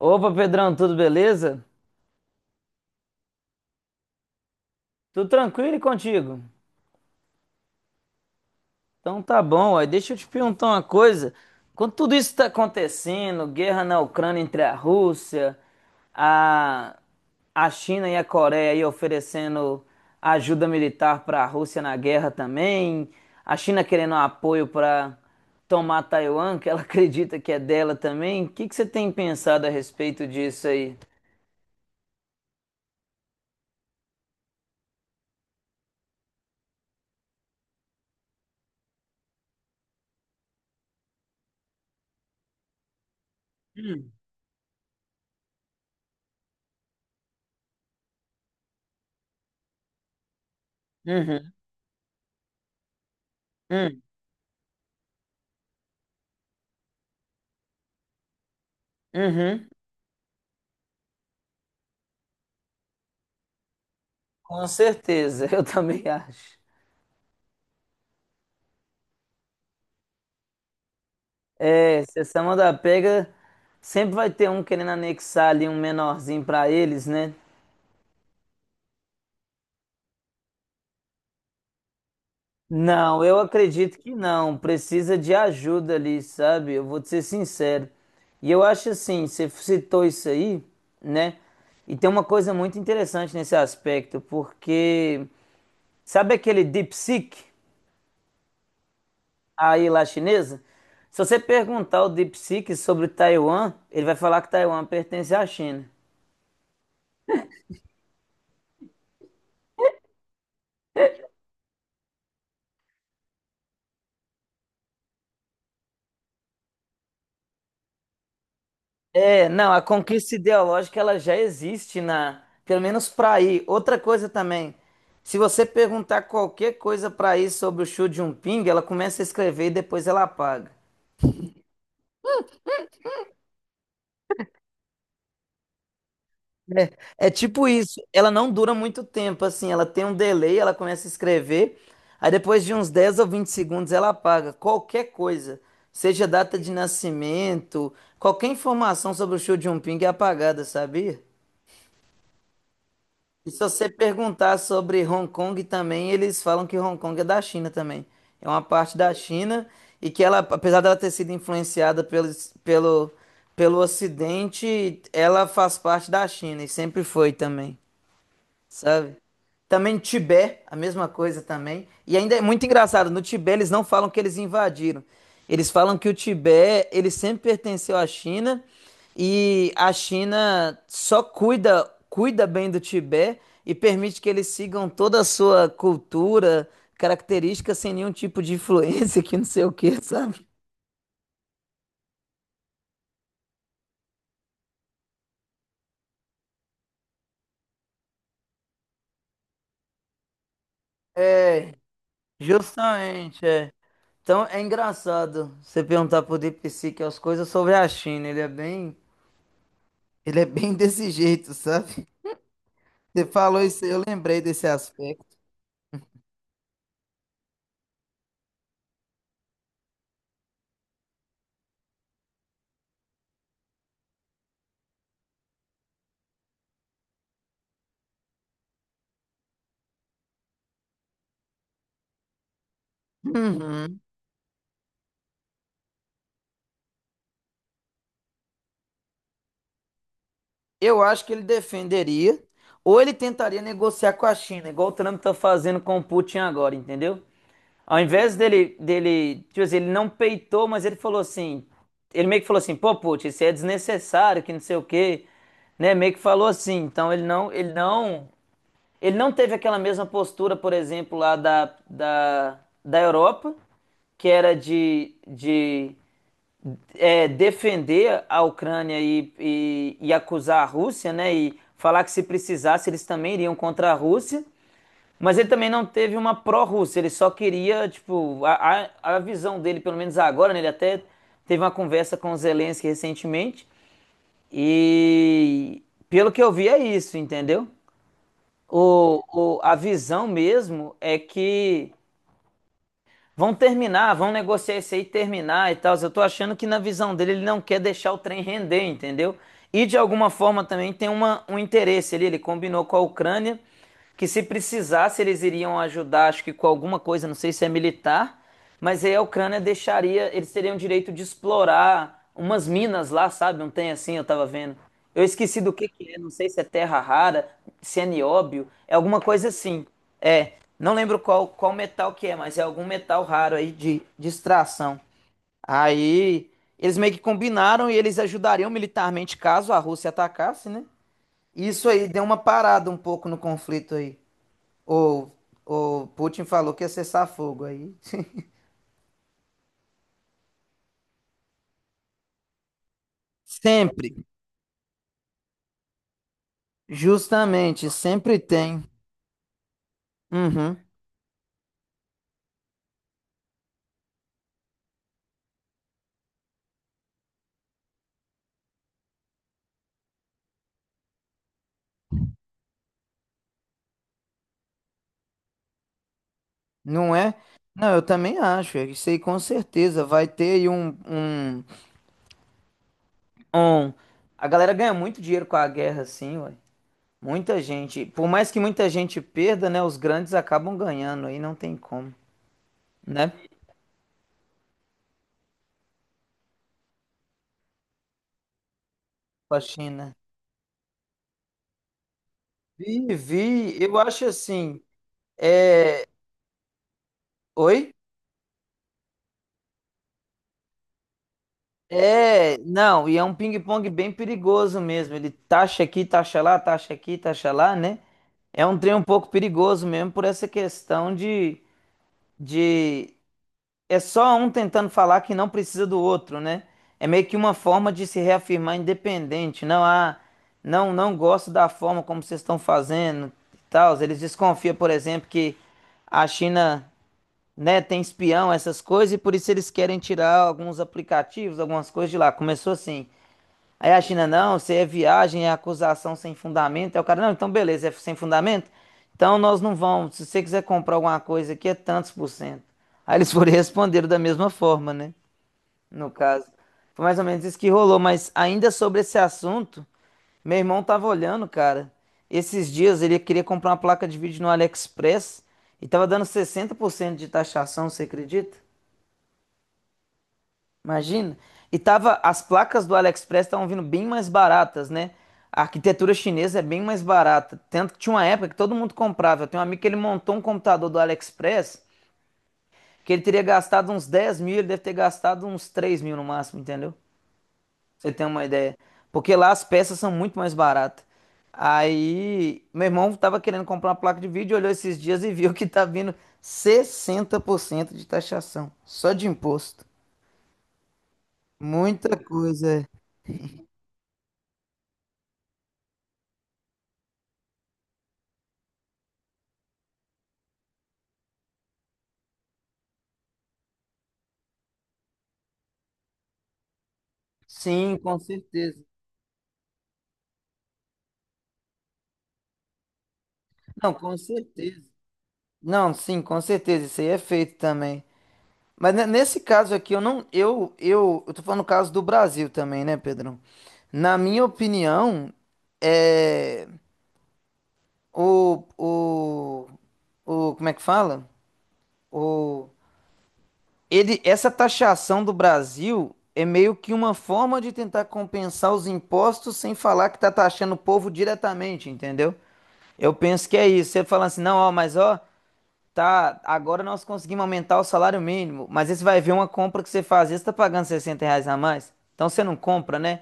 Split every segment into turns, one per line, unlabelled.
Opa, Pedrão, tudo beleza? Tudo tranquilo e contigo? Então tá bom, aí deixa eu te perguntar uma coisa. Quando tudo isso tá acontecendo, guerra na Ucrânia entre a Rússia, a, a China e a Coreia aí oferecendo ajuda militar para a Rússia na guerra também, a China querendo apoio para tomar Taiwan, que ela acredita que é dela também. O que que você tem pensado a respeito disso aí? Hum. Uhum, uhum, uhum. Com certeza, eu também acho. É, se essa moda pega, sempre vai ter um querendo anexar ali um menorzinho pra eles, né? Não, eu acredito que não. Precisa de ajuda ali, sabe? Eu vou te ser sincero. E eu acho assim, você citou isso aí, né? E tem uma coisa muito interessante nesse aspecto, porque sabe aquele DeepSeek aí lá chinesa? Se você perguntar ao DeepSeek sobre Taiwan, ele vai falar que Taiwan pertence à China. É, não, a conquista ideológica ela já existe na, pelo menos para aí. Outra coisa também, se você perguntar qualquer coisa para aí sobre o Xi Jinping, ela começa a escrever e depois ela apaga. É, é tipo isso, ela não dura muito tempo, assim, ela tem um delay, ela começa a escrever, aí depois de uns 10 ou 20 segundos ela apaga qualquer coisa, seja data de nascimento, qualquer informação sobre o Xi Jinping é apagada, sabia? E se você perguntar sobre Hong Kong também, eles falam que Hong Kong é da China também. É uma parte da China e que ela, apesar dela ter sido influenciada pelo, pelo Ocidente, ela faz parte da China e sempre foi também, sabe? Também Tibete, a mesma coisa também. E ainda é muito engraçado, no Tibete eles não falam que eles invadiram. Eles falam que o Tibete, ele sempre pertenceu à China e a China só cuida, cuida bem do Tibete e permite que eles sigam toda a sua cultura, característica sem nenhum tipo de influência que não sei o que, sabe? É, justamente, é. Então é engraçado você perguntar pro Deep Seek as coisas sobre a China. Ele é bem desse jeito, sabe? Você falou isso aí, eu lembrei desse aspecto. Uhum. Eu acho que ele defenderia, ou ele tentaria negociar com a China, igual o Trump tá fazendo com o Putin agora, entendeu? Ao invés dele, tipo assim, ele não peitou, mas ele falou assim, ele meio que falou assim, pô, Putin, isso é desnecessário, que não sei o quê, né? Meio que falou assim, então ele não teve aquela mesma postura, por exemplo, lá da Europa, que era de é, defender a Ucrânia e acusar a Rússia, né? E falar que se precisasse eles também iriam contra a Rússia. Mas ele também não teve uma pró-Rússia, ele só queria, tipo, a visão dele, pelo menos agora, né? Ele até teve uma conversa com o Zelensky recentemente e pelo que eu vi é isso, entendeu? A visão mesmo é que vão terminar, vão negociar isso aí, terminar e tal. Eu tô achando que na visão dele ele não quer deixar o trem render, entendeu? E de alguma forma também tem uma, um interesse ali. Ele combinou com a Ucrânia que se precisasse eles iriam ajudar, acho que com alguma coisa, não sei se é militar, mas aí a Ucrânia deixaria, eles teriam direito de explorar umas minas lá, sabe? Não tem assim, eu tava vendo. Eu esqueci do que é, não sei se é terra rara, se é nióbio, é alguma coisa assim. É, não lembro qual, qual metal que é, mas é algum metal raro aí de extração. Aí eles meio que combinaram e eles ajudariam militarmente caso a Rússia atacasse, né? Isso aí deu uma parada um pouco no conflito aí. Ou, ou Putin falou que ia cessar fogo aí. Sempre, justamente, sempre tem. Uhum, não é? Não, eu também acho. É, isso aí com certeza vai ter aí um... A galera ganha muito dinheiro com a guerra, assim, ué. Muita gente, por mais que muita gente perda, né, os grandes acabam ganhando, aí não tem como, né? Com a China. Vi, vi, eu acho assim, é... Oi? É, não, e é um ping-pong bem perigoso mesmo, ele taxa aqui, taxa lá, taxa aqui, taxa lá, né? É um trem um pouco perigoso mesmo por essa questão de é só um tentando falar que não precisa do outro, né? É meio que uma forma de se reafirmar independente. Não, ah, não gosto da forma como vocês estão fazendo e tal. Eles desconfiam, por exemplo, que a China, né, tem espião, essas coisas, e por isso eles querem tirar alguns aplicativos, algumas coisas de lá. Começou assim. Aí a China, não, se é viagem, é acusação sem fundamento. Aí o cara, não, então beleza, é sem fundamento? Então nós não vamos. Se você quiser comprar alguma coisa aqui, é tantos por cento. Aí eles foram e responderam da mesma forma, né? No caso. Foi mais ou menos isso que rolou. Mas ainda sobre esse assunto, meu irmão tava olhando, cara. Esses dias ele queria comprar uma placa de vídeo no AliExpress e tava dando 60% de taxação, você acredita? Imagina. E tava, as placas do AliExpress estavam vindo bem mais baratas, né? A arquitetura chinesa é bem mais barata. Tanto que tinha uma época que todo mundo comprava. Eu tenho um amigo que ele montou um computador do AliExpress que ele teria gastado uns 10 mil, ele deve ter gastado uns 3 mil no máximo, entendeu? Pra Você tem uma ideia. Porque lá as peças são muito mais baratas. Aí, meu irmão tava querendo comprar uma placa de vídeo, olhou esses dias e viu que tá vindo 60% de taxação, só de imposto. Muita coisa. Sim, com certeza. Não, com certeza. Não, sim, com certeza. Isso aí é feito também. Mas ne- nesse caso aqui, eu não. Eu tô falando o caso do Brasil também, né, Pedrão? Na minha opinião, é. O, o, o. Como é que fala? O, ele, essa taxação do Brasil é meio que uma forma de tentar compensar os impostos sem falar que tá taxando o povo diretamente, entendeu? Eu penso que é isso. Você fala assim, não, ó, mas ó. Tá, agora nós conseguimos aumentar o salário mínimo, mas aí você vai ver uma compra que você faz, às vezes tá pagando R$ 60 a mais, então você não compra, né?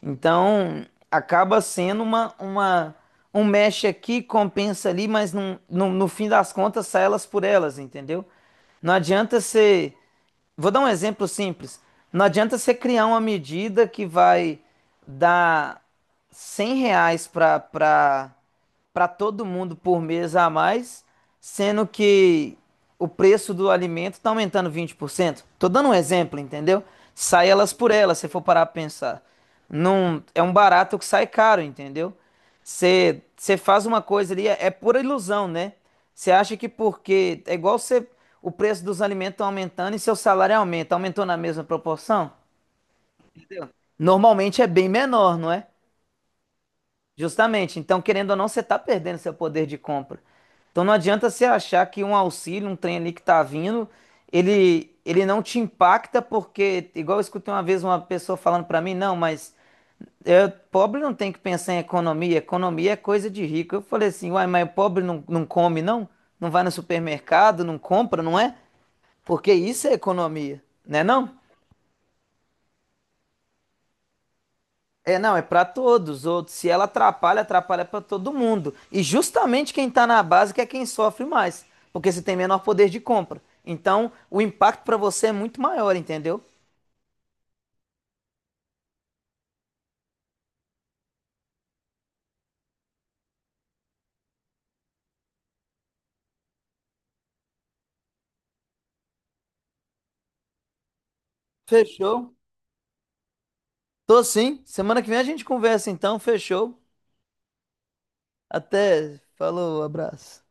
Então acaba sendo uma um mexe aqui, compensa ali, mas não, no fim das contas sai elas por elas, entendeu? Não adianta você. Vou dar um exemplo simples. Não adianta você criar uma medida que vai dar R$ 100 para todo mundo por mês a mais, sendo que o preço do alimento está aumentando 20%. Tô dando um exemplo, entendeu? Sai elas por elas, se for parar para pensar. Não, é um barato que sai caro, entendeu? Você faz uma coisa ali, é, é pura ilusão, né? Você acha que porque é igual você, o preço dos alimentos estão aumentando e seu salário aumenta, aumentou na mesma proporção? Normalmente é bem menor, não é? Justamente. Então, querendo ou não, você está perdendo seu poder de compra. Então, não adianta você achar que um auxílio, um trem ali que está vindo, ele não te impacta porque, igual eu escutei uma vez uma pessoa falando para mim, não, mas eu, pobre não tem que pensar em economia, economia é coisa de rico. Eu falei assim, uai, mas o pobre não, não come, não? Não vai no supermercado, não compra, não é? Porque isso é economia, né não? É não, é para todos os outros. Se ela atrapalha, atrapalha para todo mundo. E justamente quem está na base que é quem sofre mais, porque você tem menor poder de compra. Então, o impacto para você é muito maior, entendeu? Fechou. Tô sim. Semana que vem a gente conversa então, fechou. Até, falou, abraço.